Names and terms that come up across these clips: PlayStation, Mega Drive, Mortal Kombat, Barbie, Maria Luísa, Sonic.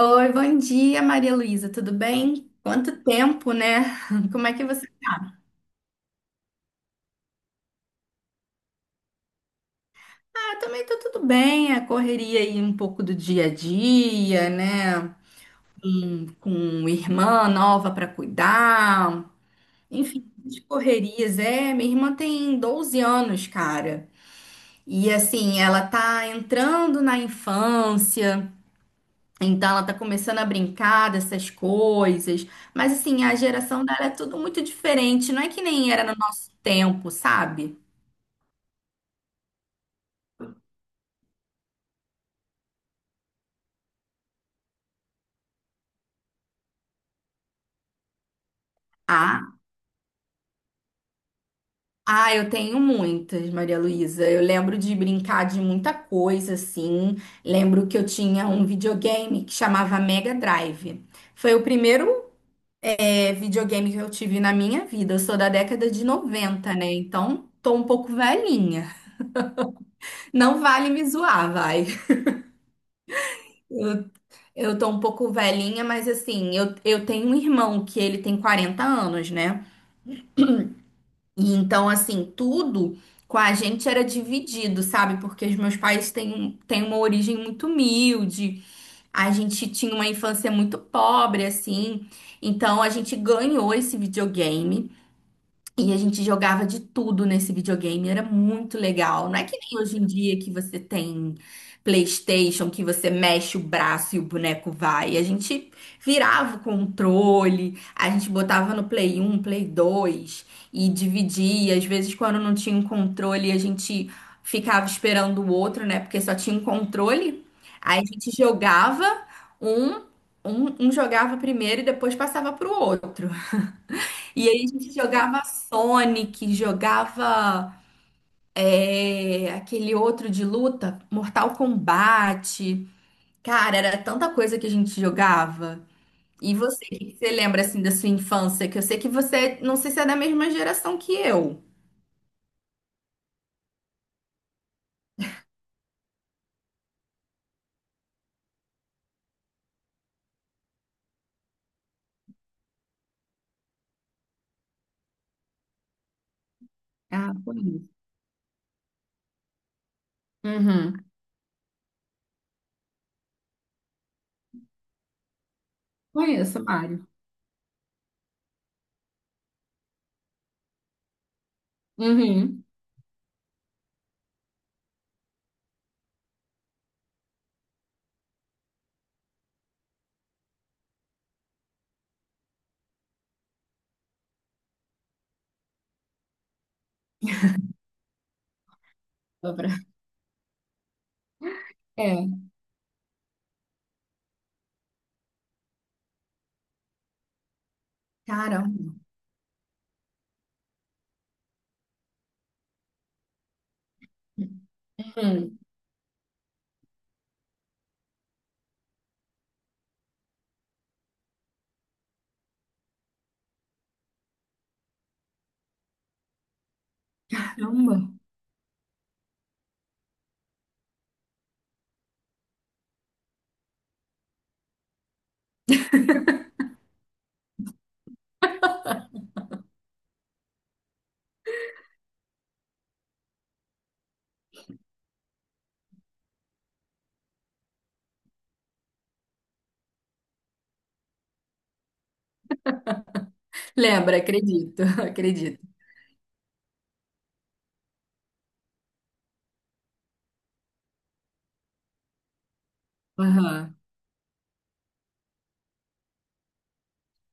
Oi, bom dia, Maria Luísa, tudo bem? Quanto tempo, né? Como é que você tá? Ah, também tá tudo bem, a correria aí um pouco do dia a dia, né? Com irmã nova para cuidar, enfim, de correrias. É, minha irmã tem 12 anos, cara, e assim, ela tá entrando na infância. Então ela tá começando a brincar dessas coisas, mas assim, a geração dela é tudo muito diferente, não é que nem era no nosso tempo, sabe? Ah, ah, eu tenho muitas, Maria Luísa. Eu lembro de brincar de muita coisa, assim. Lembro que eu tinha um videogame que chamava Mega Drive. Foi o primeiro, videogame que eu tive na minha vida. Eu sou da década de 90, né? Então, tô um pouco velhinha. Não vale me zoar, vai. Eu tô um pouco velhinha, mas assim, eu tenho um irmão que ele tem 40 anos, né? E então, assim, tudo com a gente era dividido, sabe? Porque os meus pais têm uma origem muito humilde, a gente tinha uma infância muito pobre, assim. Então, a gente ganhou esse videogame. E a gente jogava de tudo nesse videogame, era muito legal. Não é que nem hoje em dia que você tem PlayStation, que você mexe o braço e o boneco vai. A gente virava o controle, a gente botava no Play um Play 2 e dividia. Às vezes, quando não tinha um controle, a gente ficava esperando o outro, né? Porque só tinha um controle. Aí a gente jogava um, um jogava primeiro e depois passava pro outro. E aí a gente jogava Sonic, jogava aquele outro de luta, Mortal Kombat. Cara, era tanta coisa que a gente jogava. E você, o que que você lembra assim da sua infância? Que eu sei que você, não sei se é da mesma geração que eu. Ah, conheço. Uhum. Conheço, Mário. Uhum. Dobra. É. Caramba. Uhum. Caramba. Lembra, acredito, acredito. Aham.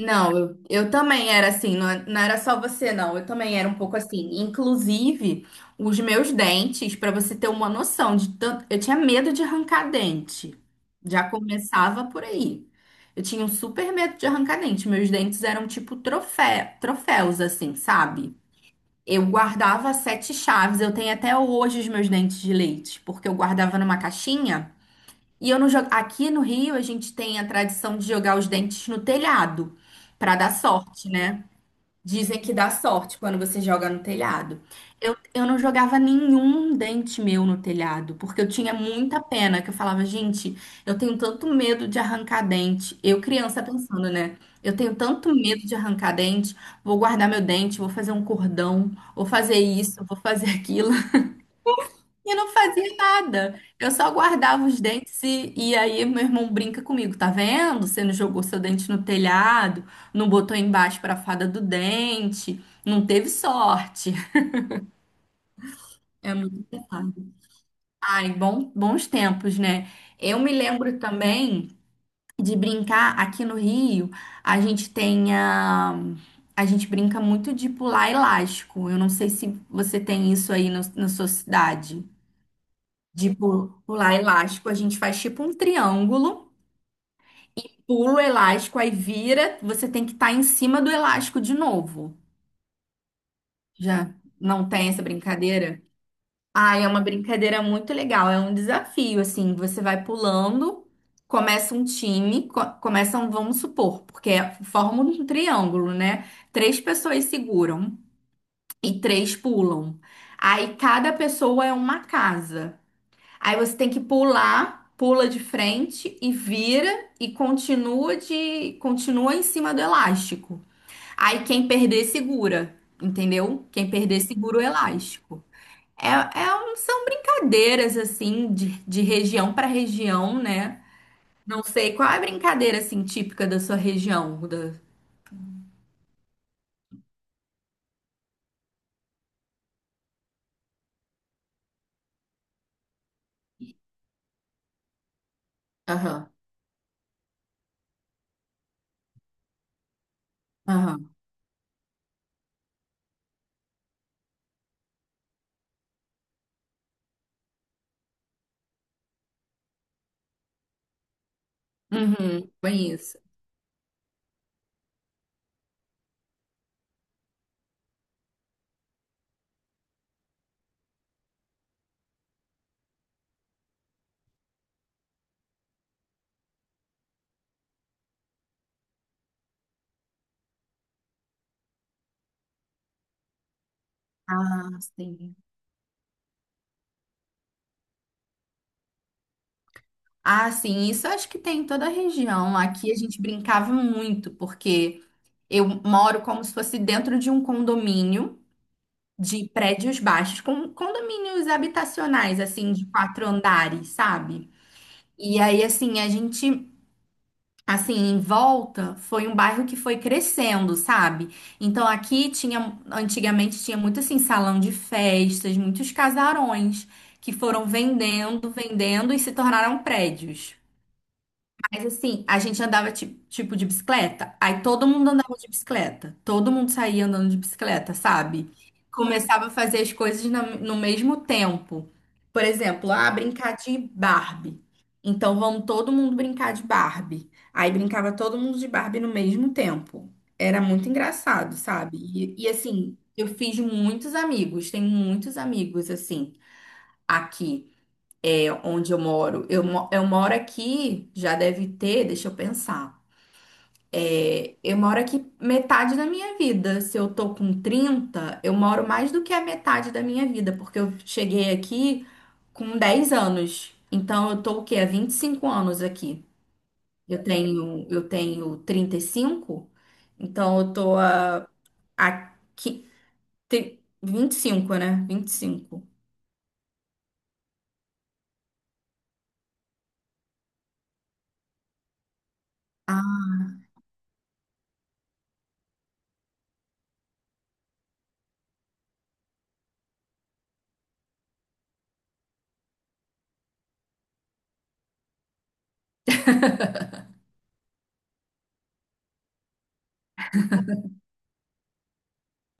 Não, eu também era assim, não, não era só você, não. Eu também era um pouco assim. Inclusive, os meus dentes, para você ter uma noção de tanto. Eu tinha medo de arrancar dente. Já começava por aí. Eu tinha um super medo de arrancar dente. Meus dentes eram tipo troféus, assim, sabe? Eu guardava sete chaves. Eu tenho até hoje os meus dentes de leite, porque eu guardava numa caixinha. E eu não jogo. Aqui no Rio, a gente tem a tradição de jogar os dentes no telhado, pra dar sorte, né? Dizem que dá sorte quando você joga no telhado. Eu não jogava nenhum dente meu no telhado, porque eu tinha muita pena, que eu falava, gente, eu tenho tanto medo de arrancar dente. Eu, criança, pensando, né? Eu tenho tanto medo de arrancar dente, vou guardar meu dente, vou fazer um cordão, vou fazer isso, vou fazer aquilo. E não fazia nada. Eu só guardava os dentes e aí meu irmão brinca comigo, tá vendo? Você não jogou seu dente no telhado, não botou embaixo pra fada do dente, não teve sorte. É muito engraçado. Ai, bom, bons tempos, né? Eu me lembro também de brincar aqui no Rio, a gente tem a, a gente brinca muito de pular elástico. Eu não sei se você tem isso aí na sua cidade. De pular elástico, a gente faz tipo um triângulo, pula o elástico, aí vira, você tem que estar em cima do elástico de novo. Já não tem essa brincadeira? Ah, é uma brincadeira muito legal, é um desafio, assim, você vai pulando, começa um time, co começam, vamos supor, porque forma um triângulo, né? Três pessoas seguram e três pulam. Aí cada pessoa é uma casa. Aí você tem que pular, pula de frente e vira e continua em cima do elástico. Aí quem perder segura, entendeu? Quem perder segura o elástico. É, são brincadeiras assim de região para região, né? Não sei qual é a brincadeira assim típica da sua região, da. Aham. Aham. Uhum, bem isso. Ah, sim. Ah, sim, isso eu acho que tem em toda a região. Aqui a gente brincava muito, porque eu moro como se fosse dentro de um condomínio de prédios baixos, com condomínios habitacionais, assim, de 4 andares, sabe? E aí, assim, a gente, assim, em volta foi um bairro que foi crescendo, sabe? Então aqui tinha, antigamente tinha muito, assim, salão de festas, muitos casarões que foram vendendo, vendendo e se tornaram prédios. Mas assim, a gente andava tipo de bicicleta, aí todo mundo andava de bicicleta, todo mundo saía andando de bicicleta, sabe? Começava a fazer as coisas no mesmo tempo. Por exemplo, brincar de Barbie. Então vamos todo mundo brincar de Barbie. Aí brincava todo mundo de Barbie no mesmo tempo. Era muito engraçado, sabe? E assim, eu fiz muitos amigos, tenho muitos amigos assim aqui. É onde eu moro. Eu moro aqui, já deve ter, deixa eu pensar. É, eu moro aqui metade da minha vida. Se eu tô com 30 eu moro mais do que a metade da minha vida, porque eu cheguei aqui com 10 anos. Então eu tô o quê? Há 25 anos aqui. Eu tenho 35, então eu tô a há qui- tri- 25, né? 25.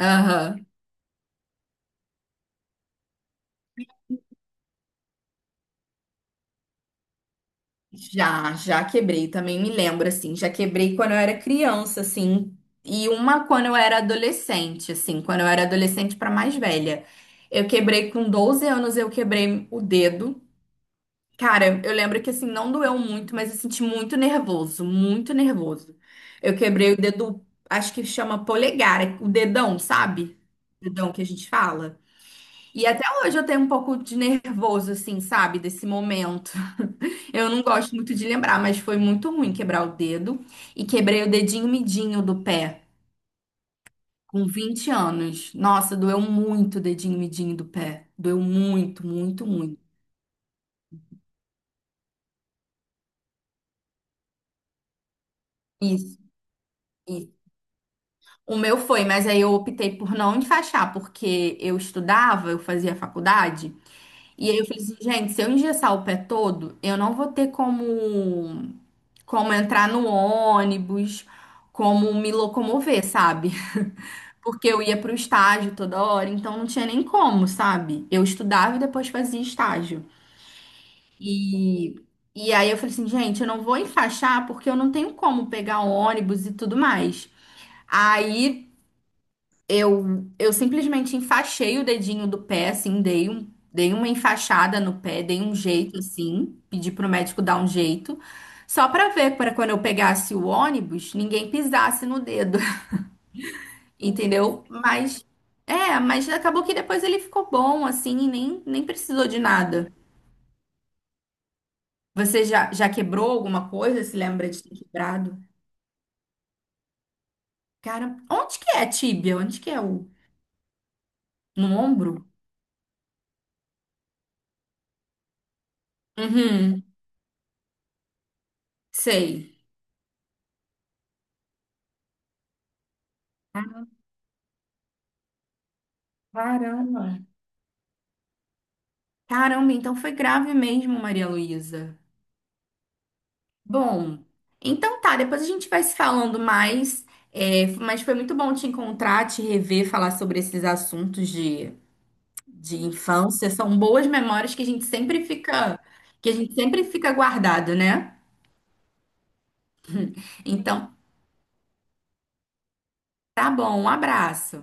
Aham. Já quebrei, também me lembro, assim, já quebrei quando eu era criança, assim, e uma quando eu era adolescente, assim, quando eu era adolescente para mais velha. Eu quebrei com 12 anos, eu quebrei o dedo. Cara, eu lembro que, assim, não doeu muito, mas eu senti muito nervoso, muito nervoso. Eu quebrei o dedo, acho que chama polegar, o dedão, sabe? Dedão que a gente fala. E até hoje eu tenho um pouco de nervoso, assim, sabe, desse momento. Eu não gosto muito de lembrar, mas foi muito ruim quebrar o dedo. E quebrei o dedinho midinho do pé, com 20 anos. Nossa, doeu muito o dedinho midinho do pé. Doeu muito, muito, muito. Isso, isso. O meu foi, mas aí eu optei por não enfaixar, porque eu estudava, eu fazia faculdade. E aí eu falei assim, gente, se eu engessar o pé todo, eu não vou ter como, como entrar no ônibus, como me locomover, sabe? Porque eu ia para o estágio toda hora, então não tinha nem como, sabe? Eu estudava e depois fazia estágio. E, e aí eu falei assim, gente, eu não vou enfaixar porque eu não tenho como pegar ônibus e tudo mais. Aí eu simplesmente enfaixei o dedinho do pé, assim, dei uma enfaixada no pé, dei um jeito, assim, pedi pro médico dar um jeito, só pra ver, para quando eu pegasse o ônibus, ninguém pisasse no dedo. Entendeu? Mas acabou que depois ele ficou bom assim e nem precisou de nada. Você já quebrou alguma coisa? Se lembra de ter quebrado? Cara, onde que é a tíbia? Onde que é o no ombro? Uhum, sei. Caramba. Caramba, então foi grave mesmo, Maria Luísa. Bom, então tá, depois a gente vai se falando mais. É, mas foi muito bom te encontrar, te rever, falar sobre esses assuntos de infância são boas memórias que a gente sempre fica, que a gente sempre fica guardado, né? Então, tá bom, um abraço.